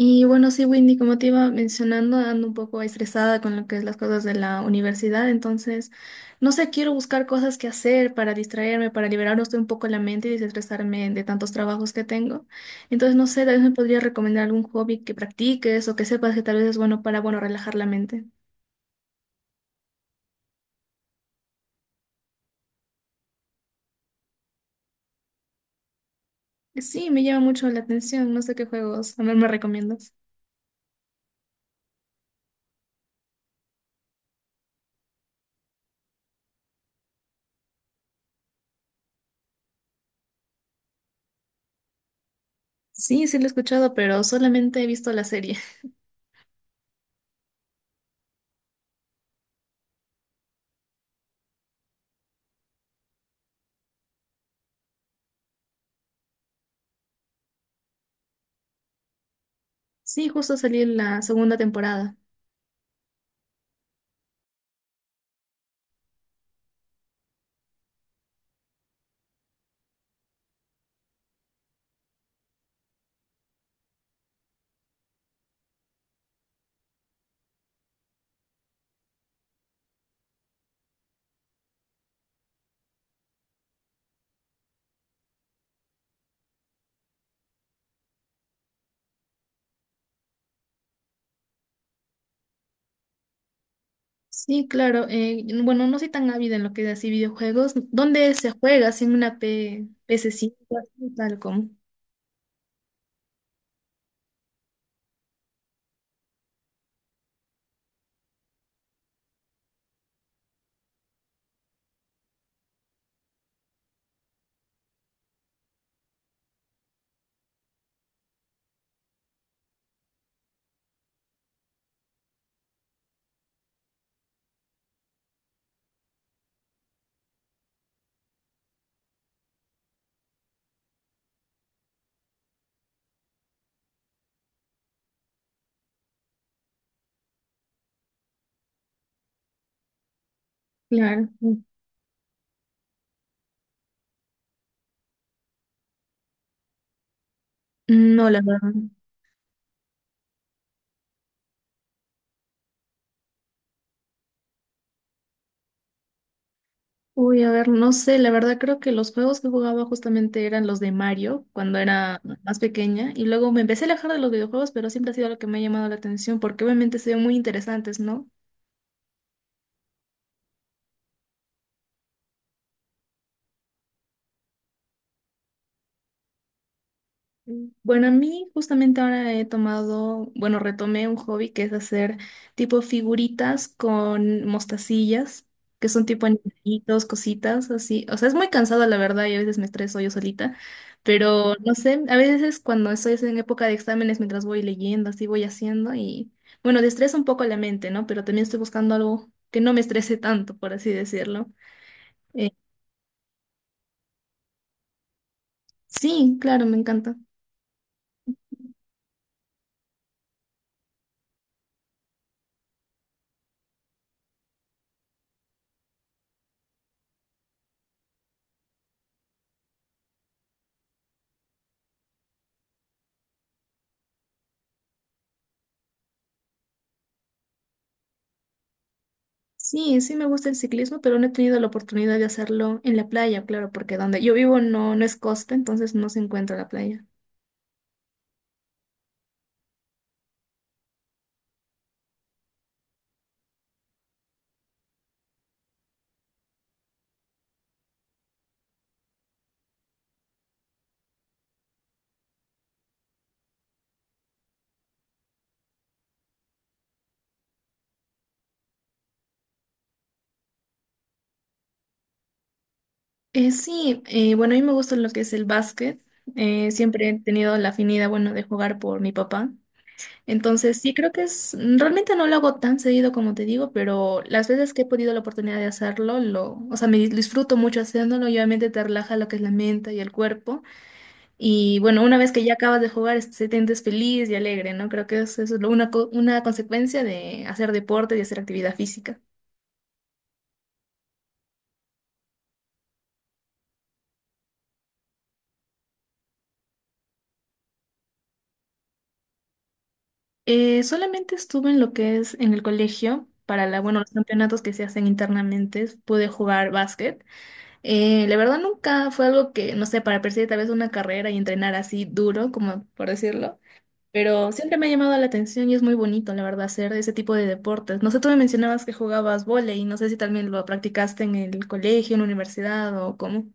Y bueno, sí, Windy, como te iba mencionando, ando un poco estresada con lo que es las cosas de la universidad, entonces, no sé, quiero buscar cosas que hacer para distraerme, para liberar usted un poco la mente y desestresarme de tantos trabajos que tengo. Entonces, no sé, tal vez me podría recomendar algún hobby que practiques o que sepas que tal vez es bueno para, bueno, relajar la mente. Sí, me llama mucho la atención, no sé qué juegos, a ver, me recomiendas. Sí, sí lo he escuchado, pero solamente he visto la serie. Sí, justo salió la segunda temporada. Sí, claro. Bueno, no soy tan ávida en lo que es así videojuegos. ¿Dónde se juega? ¿Sin una P ps? Tal como. Claro. No, la verdad. Uy, a ver, no sé. La verdad creo que los juegos que jugaba justamente eran los de Mario cuando era más pequeña. Y luego me empecé a alejar de los videojuegos, pero siempre ha sido lo que me ha llamado la atención porque obviamente se ven muy interesantes, ¿no? Mm. Bueno, a mí justamente ahora he tomado, bueno, retomé un hobby que es hacer tipo figuritas con mostacillas, que son tipo animalitos, cositas así. O sea, es muy cansado la verdad y a veces me estreso yo solita, pero no sé, a veces cuando estoy en época de exámenes, mientras voy leyendo, así voy haciendo y bueno, destresa un poco la mente, ¿no? Pero también estoy buscando algo que no me estrese tanto, por así decirlo. Eh, sí, claro, me encanta. Sí, sí me gusta el ciclismo, pero no he tenido la oportunidad de hacerlo en la playa, claro, porque donde yo vivo no es costa, entonces no se encuentra la playa. Sí, bueno, a mí me gusta lo que es el básquet. Siempre he tenido la afinidad, bueno, de jugar por mi papá. Entonces, sí, creo que es, realmente no lo hago tan seguido como te digo, pero las veces que he podido la oportunidad de hacerlo, o sea, me disfruto mucho haciéndolo y obviamente te relaja lo que es la mente y el cuerpo. Y bueno, una vez que ya acabas de jugar, este, te sientes feliz y alegre, ¿no? Creo que eso es una consecuencia de hacer deporte y hacer actividad física. Solamente estuve en lo que es en el colegio para bueno, los campeonatos que se hacen internamente. Pude jugar básquet. La verdad nunca fue algo que, no sé, para perseguir tal vez una carrera y entrenar así duro, como por decirlo. Pero siempre me ha llamado la atención y es muy bonito, la verdad, hacer ese tipo de deportes. No sé, tú me mencionabas que jugabas vóley, y no sé si también lo practicaste en el colegio, en la universidad o cómo.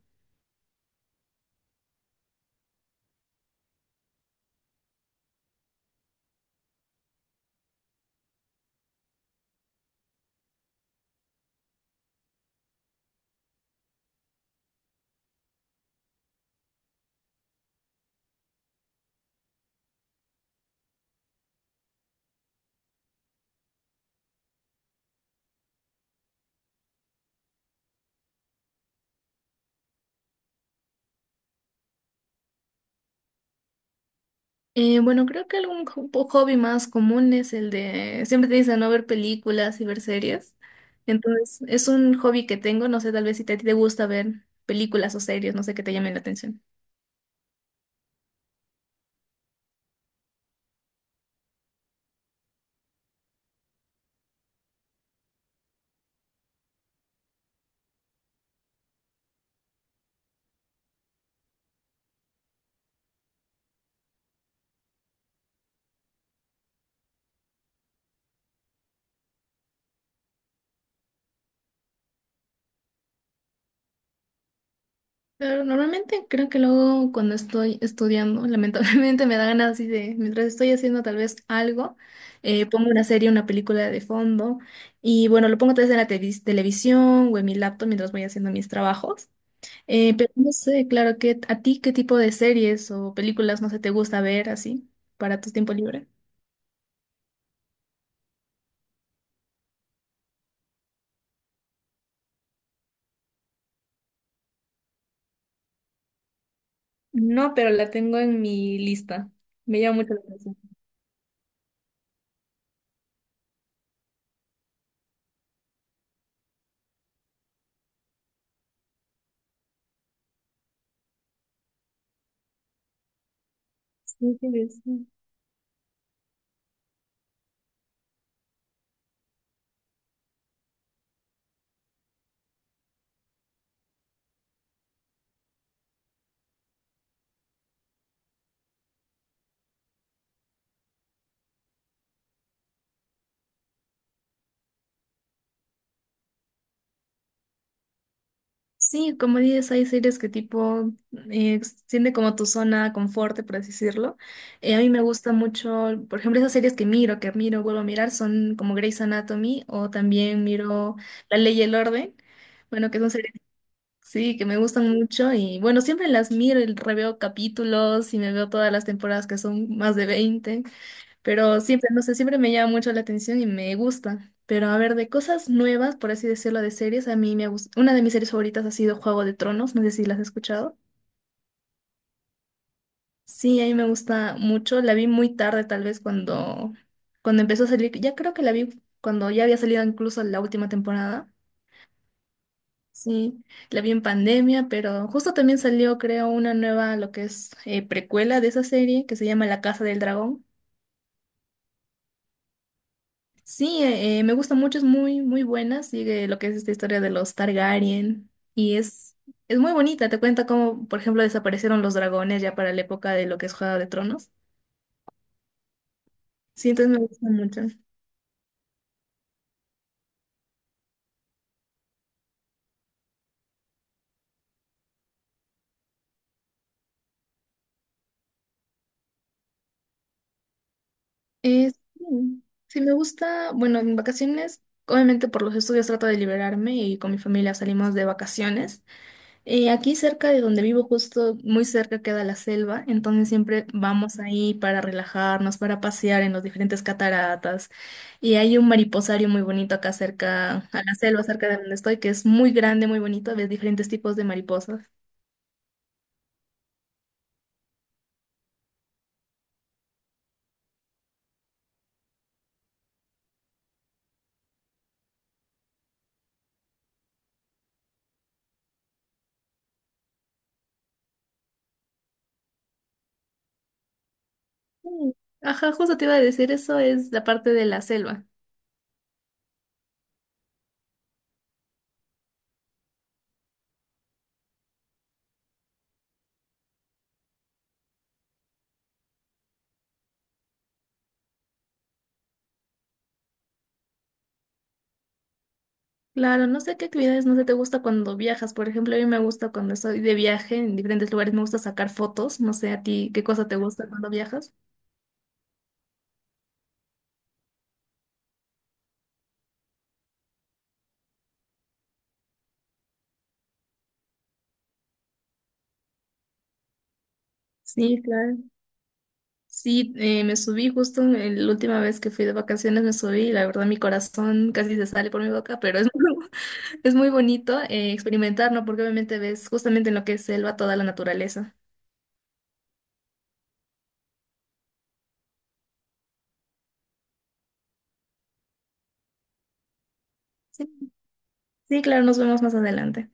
Bueno, creo que algún hobby más común es el de, siempre te dicen no ver películas y ver series. Entonces, es un hobby que tengo, no sé, tal vez si a ti te gusta ver películas o series, no sé, que te llamen la atención. Pero normalmente creo que luego cuando estoy estudiando, lamentablemente me da ganas así de, mientras estoy haciendo tal vez algo, pongo una serie, una película de fondo y bueno, lo pongo tal vez en la televisión o en mi laptop mientras voy haciendo mis trabajos. Pero no sé, claro, ¿a ti qué tipo de series o películas, no sé, te gusta ver así para tu tiempo libre? No, pero la tengo en mi lista. Me llama mucho la atención. Sí, sí, sí. Sí, como dices, hay series que tipo extiende como tu zona confort, por así decirlo. A mí me gusta mucho, por ejemplo, esas series que miro, vuelvo a mirar, son como Grey's Anatomy o también miro La Ley y el Orden. Bueno, que son series, sí, que me gustan mucho y bueno, siempre las miro, y reveo capítulos y me veo todas las temporadas que son más de 20. Pero siempre, no sé, siempre me llama mucho la atención y me gusta. Pero a ver, de cosas nuevas, por así decirlo, de series, a mí me gusta. Una de mis series favoritas ha sido Juego de Tronos, no sé si las has escuchado. Sí, a mí me gusta mucho. La vi muy tarde, tal vez cuando empezó a salir. Ya creo que la vi cuando ya había salido incluso la última temporada. Sí, la vi en pandemia, pero justo también salió, creo, una nueva, lo que es precuela de esa serie, que se llama La Casa del Dragón. Sí, me gusta mucho, es muy, muy buena. Sigue lo que es esta historia de los Targaryen. Y es muy bonita. Te cuenta cómo, por ejemplo, desaparecieron los dragones ya para la época de lo que es Juego de Tronos. Sí, entonces me gusta mucho. Sí, sí, me gusta. Bueno, en vacaciones, obviamente por los estudios trato de liberarme y con mi familia salimos de vacaciones. Aquí cerca de donde vivo, justo muy cerca queda la selva, entonces siempre vamos ahí para relajarnos, para pasear en los diferentes cataratas. Y hay un mariposario muy bonito acá cerca, a la selva, cerca de donde estoy, que es muy grande, muy bonito, ves diferentes tipos de mariposas. Mm. Ajá, justo te iba a decir, eso es la parte de la selva. Claro, no sé qué actividades no sé te gusta cuando viajas. Por ejemplo, a mí me gusta cuando estoy de viaje en diferentes lugares, me gusta sacar fotos. No sé a ti qué cosa te gusta cuando viajas. Sí, claro. Sí, me subí justo en la última vez que fui de vacaciones, me subí y la verdad mi corazón casi se sale por mi boca, pero es, es muy bonito experimentar, ¿no? Porque obviamente ves justamente en lo que es selva toda la naturaleza. Sí, sí, claro, nos vemos más adelante.